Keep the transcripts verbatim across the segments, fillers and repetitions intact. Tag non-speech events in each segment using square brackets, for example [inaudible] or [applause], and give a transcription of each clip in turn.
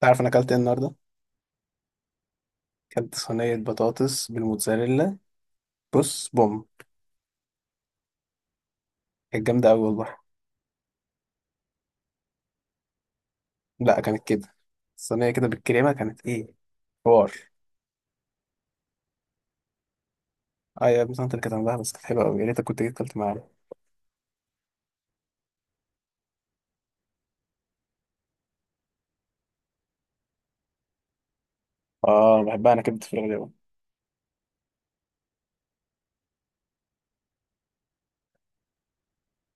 تعرف انا اكلت ايه النهارده؟ اكلت صينيه بطاطس بالموتزاريلا. بص بوم. كانت جامده قوي والله. لا، كانت كده. الصينيه كده بالكريمه كانت ايه حوار. اه يا ابني، انت اللي كانت عندها، بس كانت حلوه قوي. يا ريتك كنت جيت اكلت معانا. اه، بحبها انا كبده الفراخ دي أوي.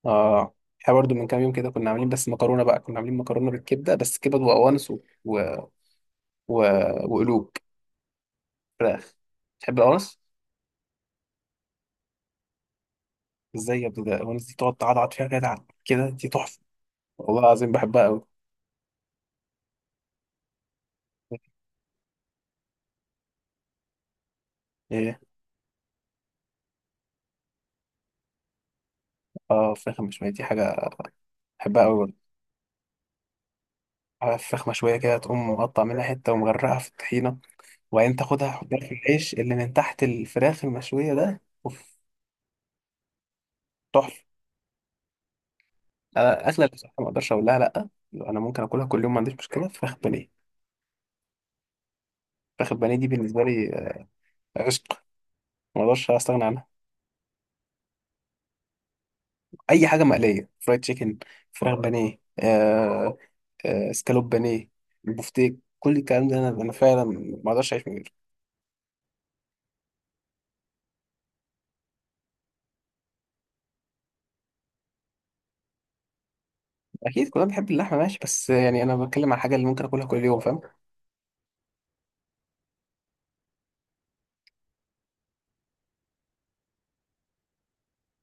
اه، احنا برضو من كام يوم كده كنا عاملين بس مكرونه بقى، كنا عاملين مكرونه بالكبده، بس كبد وقوانص و... و... و... وقلوب فراخ. تحب القوانص؟ ازاي يا ابني، ده القوانص دي تقعد تعضعض فيها كده كده، دي تحفه. والله العظيم بحبها. قوي. اه، فراخ مشوية دي حاجة بحبها أوي برضه. عارف، فراخ مشوية كده تقوم مقطع منها حتة ومغرقها في الطحينة، وبعدين تاخدها تحطها في العيش اللي من تحت الفراخ المشوية، ده اوف. تحفة. أنا أكلة اللي بصراحة ما أقدرش أقول لها لأ. أنا ممكن أكلها كل يوم ما عنديش مشكلة، فراخ بانيه. فراخ البانيه دي بالنسبة لي آه، عشق. ما أقدرش أستغنى عنها. أي حاجة مقلية، فرايد تشيكن، فراخ بانيه آه، آه سكالوب بانيه، البفتيك، كل الكلام ده أنا أنا فعلا ما أقدرش أعيش من غيره. اكيد كلنا بنحب اللحمه ماشي، بس يعني انا بتكلم على الحاجه اللي ممكن اكلها كل يوم، فاهم.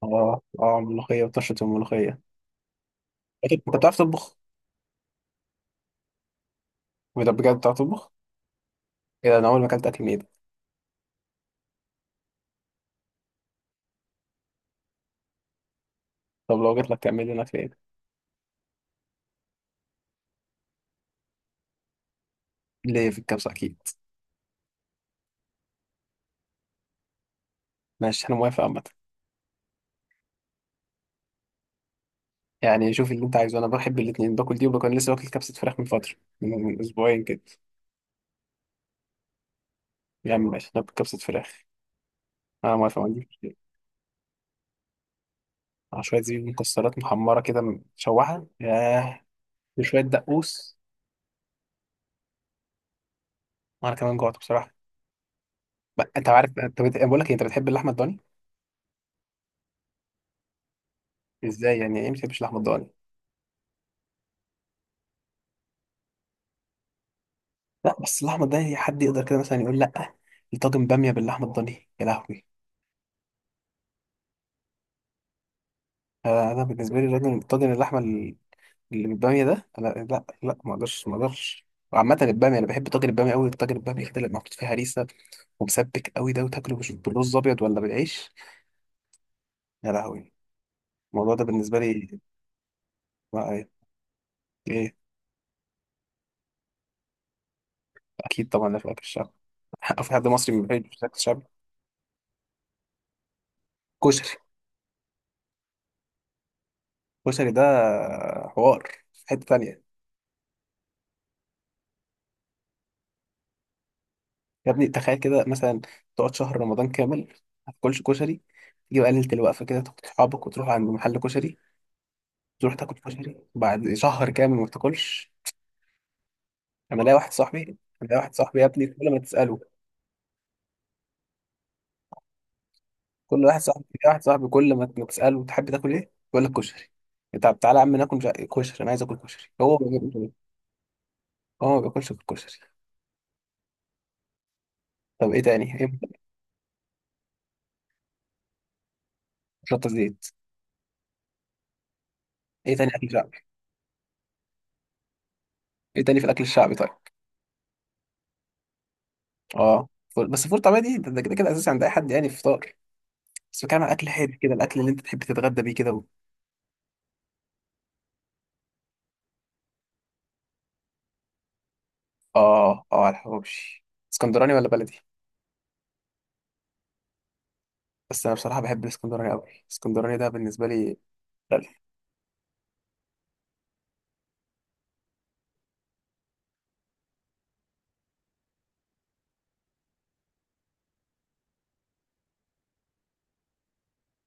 اه اه، ملوخيه وطشه الملوخيه. أكيد. انت بتعرف تطبخ؟ بجد بجد، بتعرف تطبخ؟ ايه ده، انا اول ما اكلت اكل من ايدك. طب لو جيت لك تعمل لنا اكل ايه؟ ليه في الكبسه اكيد. ماشي انا موافق عامه. يعني شوف اللي انت عايزه، انا بحب الاثنين، باكل دي وبكون لسه واكل كبسه فراخ من فتره، من من اسبوعين كده. يعني ماشي ناكل كبسه فراخ، انا موافق ما عنديش مشكله. مع شويه زبيب مكسرات محمره كده، مشوحه، ياه. وشويه دقوس. وانا كمان جوعت بصراحه. بقى انت عارف، انت بت... بقول لك إيه، انت بتحب اللحمه الضاني؟ ازاي يعني، ايه ما بتحبش اللحمه الضاني؟ لا، بس اللحمه الضاني حد يقدر كده مثلا يقول لا؟ الطاجن باميه باللحمه الضاني، يا لهوي. آه، انا بالنسبه لي الراجل، طاجن اللحمه ال- اللي بالباميه ده، انا لا لا، ما اقدرش ما اقدرش. وعامة البامية أنا بحب طاجن البامية أوي، الطاجن البامية كده اللي محطوط فيه هريسة ومسبك أوي ده، وتاكله بش- بالرز أبيض ولا بالعيش، يا لهوي. الموضوع ده بالنسبة لي ما- إيه. أكيد طبعا، لا في أكل الشعب. [laughs] في حد مصري ما بيحبش أكل الشعب؟ كشري. كشري ده حوار في حتة تانية. يا ابني تخيل كده مثلا، تقعد شهر رمضان كامل ما تاكلش كشري، تيجي بقى ليله الوقفه كده، تاخد صحابك وتروح عند محل كشري، تروح تاكل كشري بعد شهر كامل ما بتاكلش. انا لاقي واحد صاحبي، انا لاقي واحد صاحبي يا ابني، كل ما تساله، كل واحد صاحبي لاقي واحد صاحبي، كل ما ما تساله تحب تاكل ايه يقول لك كشري. طب تعالى يا عم ناكل جا- كشري، انا عايز اكل كشري، هو ما بياكلش. هو ما بياكلش غير كشري. طب ايه تاني، ايه؟ شطه زيت. ايه تاني اكل شعبي؟ ايه تاني في الاكل الشعبي طيب؟ اه، فول- بس الفول الطعميه دي ده ده كده كده اساسي عند اي حد، يعني فطار. بس بتكلم عن اكل حادق كده، الاكل اللي انت تحب تتغدى بيه كده و... اه اه، على الحواوشي. اسكندراني ولا بلدي؟ بس انا بصراحه بحب الاسكندراني قوي، الاسكندراني ده بالنسبه لي. لا،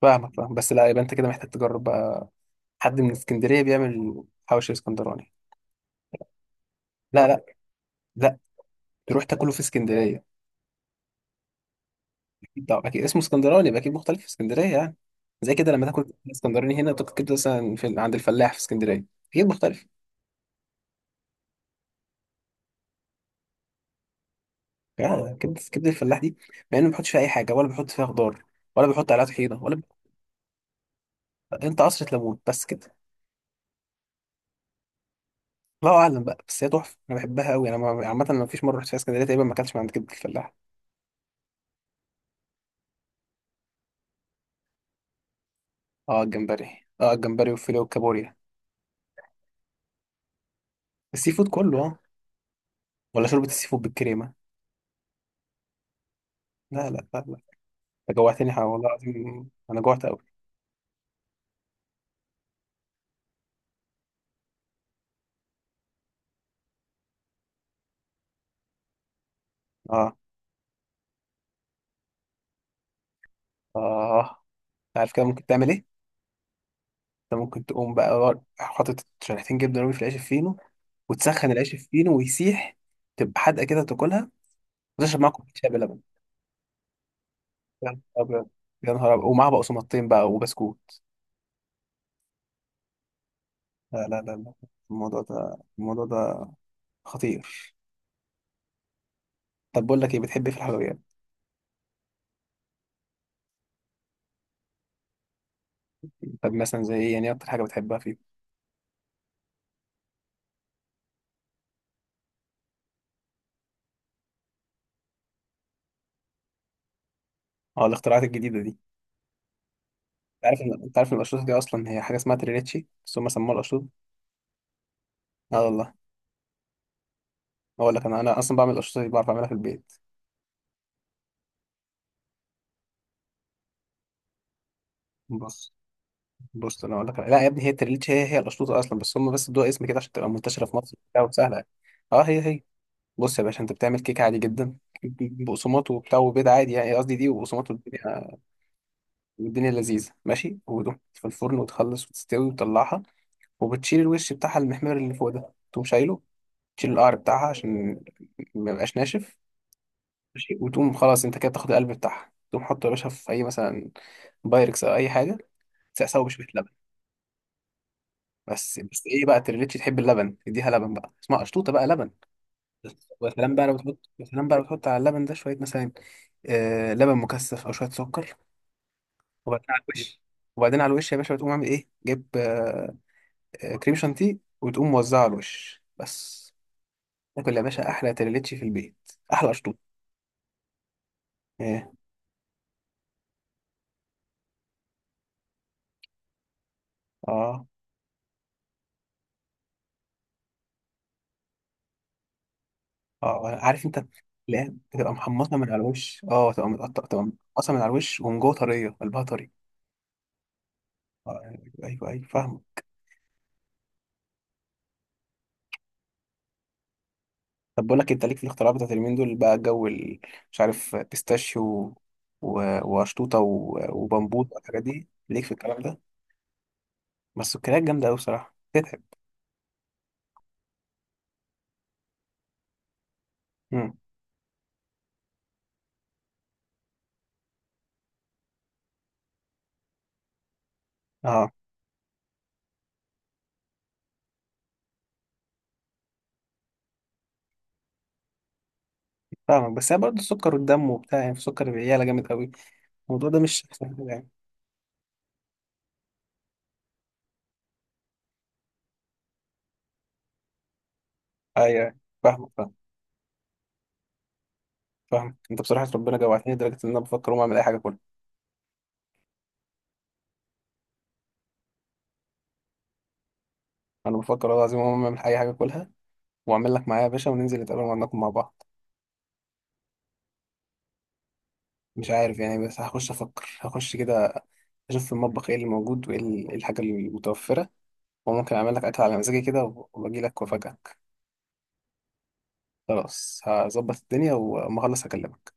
فاهمك فاهم، بس لا، يبقى انت كده محتاج تجرب بقى. حد من اسكندريه بيعمل حواوشي اسكندراني؟ لا لا، لا، تروح تاكله في اسكندريه. اكيد طبعا، اكيد اسمه اسكندراني، يبقى اكيد مختلف في اسكندريه يعني. زي كده لما تاكل اسكندراني هنا، تاكل كبده مثلا في... عند الفلاح في اسكندريه، اكيد مختلف. يعني كبده، كبده الفلاح دي، مع انه ما بيحطش فيها اي حاجه، ولا بيحط فيها خضار، ولا بيحط عليها طحينه، ولا انت قصر ليمون، بس كده. الله اعلم بقى، بس هي تحفه، انا بحبها قوي. انا ما- عامه ما فيش مره رحت فيها اسكندريه تقريبا ما اكلتش من عند كبده الفلاح. اه الجمبري، اه الجمبري والفيليه والكابوريا. السي فود كله، اه. ولا شوربه السي فود بالكريمه، لا لا لا لا. انت جوعتني حق- والله العظيم انا جوعت قوي. اه. اه، انت عارف كده ممكن تعمل ايه؟ انت ممكن تقوم بقى حاطط شريحتين جبنه رومي في العيش الفينو، وتسخن العيش الفينو ويسيح، تبقى حادقه كده تاكلها، وتشرب معاك كوبايه شاي بلبن. يا نهار ابيض. يا نهار ابيض، ومعاها بقسماطتين بقى وبسكوت. لا لا لا لا. الموضوع ده، الموضوع ده خطير. طب بقول لك ايه، بتحب إيه في الحلويات؟ طب مثلا زي ايه يعني، إيه اكتر حاجه بتحبها فيه؟ اه الاختراعات الجديده دي، انت عارف ان انت عارف ان الاشطوطه دي اصلا هي حاجه اسمها تريليتشي، بس هم سموها الاشطوطه. اه والله. اقول لك، انا انا اصلا بعمل الاشطوطه دي، بعرف اعملها في البيت. بص بص، انا اقول لك، لا يا ابني، هي التريليتشي هي هي الاشطوطه اصلا، بس هم بس ادوها اسم كده عشان تبقى منتشره في مصر وبتاع، وسهله يعني. اه هي هي. بص يا باشا، انت بتعمل كيكه عادي جدا، بقسماط وبتاع وبيض عادي، يعني قصدي دي، وبقسماط والدنيا، والدنيا لذيذة ماشي. وتروح في الفرن، وتخلص وتستوي وتطلعها. وبتشيل الوش بتاعها المحمر اللي فوق ده، تقوم شايله. تشيل القعر بتاعها عشان ما يبقاش ناشف. ماشي، وتقوم خلاص انت كده تاخد القلب بتاعها، تقوم حطه يا باشا في اي، مثلا بايركس او اي حاجة. تسقسه بشوية لبن. بس بس ايه بقى، تريليتش تحب اللبن تديها لبن، بقى اسمها قشطوطة بقى، لبن. يا سلام بقى لو تحط، يا سلام بقى لو تحط على اللبن ده شوية مثلا، آه لبن مكثف او شوية سكر. وبعدين على الوش، وبعدين على الوش يا باشا، بتقوم عامل ايه، جيب آه، كريم شانتيه، وتقوم موزعه على الوش بس. تاكل يا باشا احلى تريليتشي في البيت، احلى شطوط. ايه. اه اه، عارف انت. لا، بتبقى محمصه من على الوش، اه تبقى متقطعه، تبقى متقطعه من على الوش، ومن جوه طريه، قلبها طري. آه، ايوه ايوه فاهمه. طب بقول لك إيه، انت ليك في الاختراعات بتاعت اليومين دول بقى، جو ال- مش عارف، بيستاشيو و- وشطوطه و- وبمبوط والحاجات دي، ليك في الكلام ده؟ بس السكريات جامده قوي بصراحه، تتعب. مم. اه، فاهمك، بس هي برضه السكر والدم وبتاع يعني، في سكر العيالة جامد قوي، الموضوع ده مش أحسن حاجة يعني. أيوه أيوه. فاهمك، فاهمك فاهمك. أنت بصراحة ربنا جوعتني لدرجة إن أنا بفكر أقوم أعمل أي حاجة كلها. أنا بفكر والله العظيم أقوم أعمل أي حاجة كلها، وأعمل لك معايا يا باشا، وننزل نتقابل وناكل مع بعض. مش عارف يعني، بس هخش أفكر، هخش كده أشوف في المطبخ إيه اللي موجود، وإيه ال- إيه الحاجة المتوفرة، وممكن أعمل لك أكل على مزاجي كده، وأجي لك وأفاجئك. خلاص، هظبط الدنيا وأما أخلص هكلمك.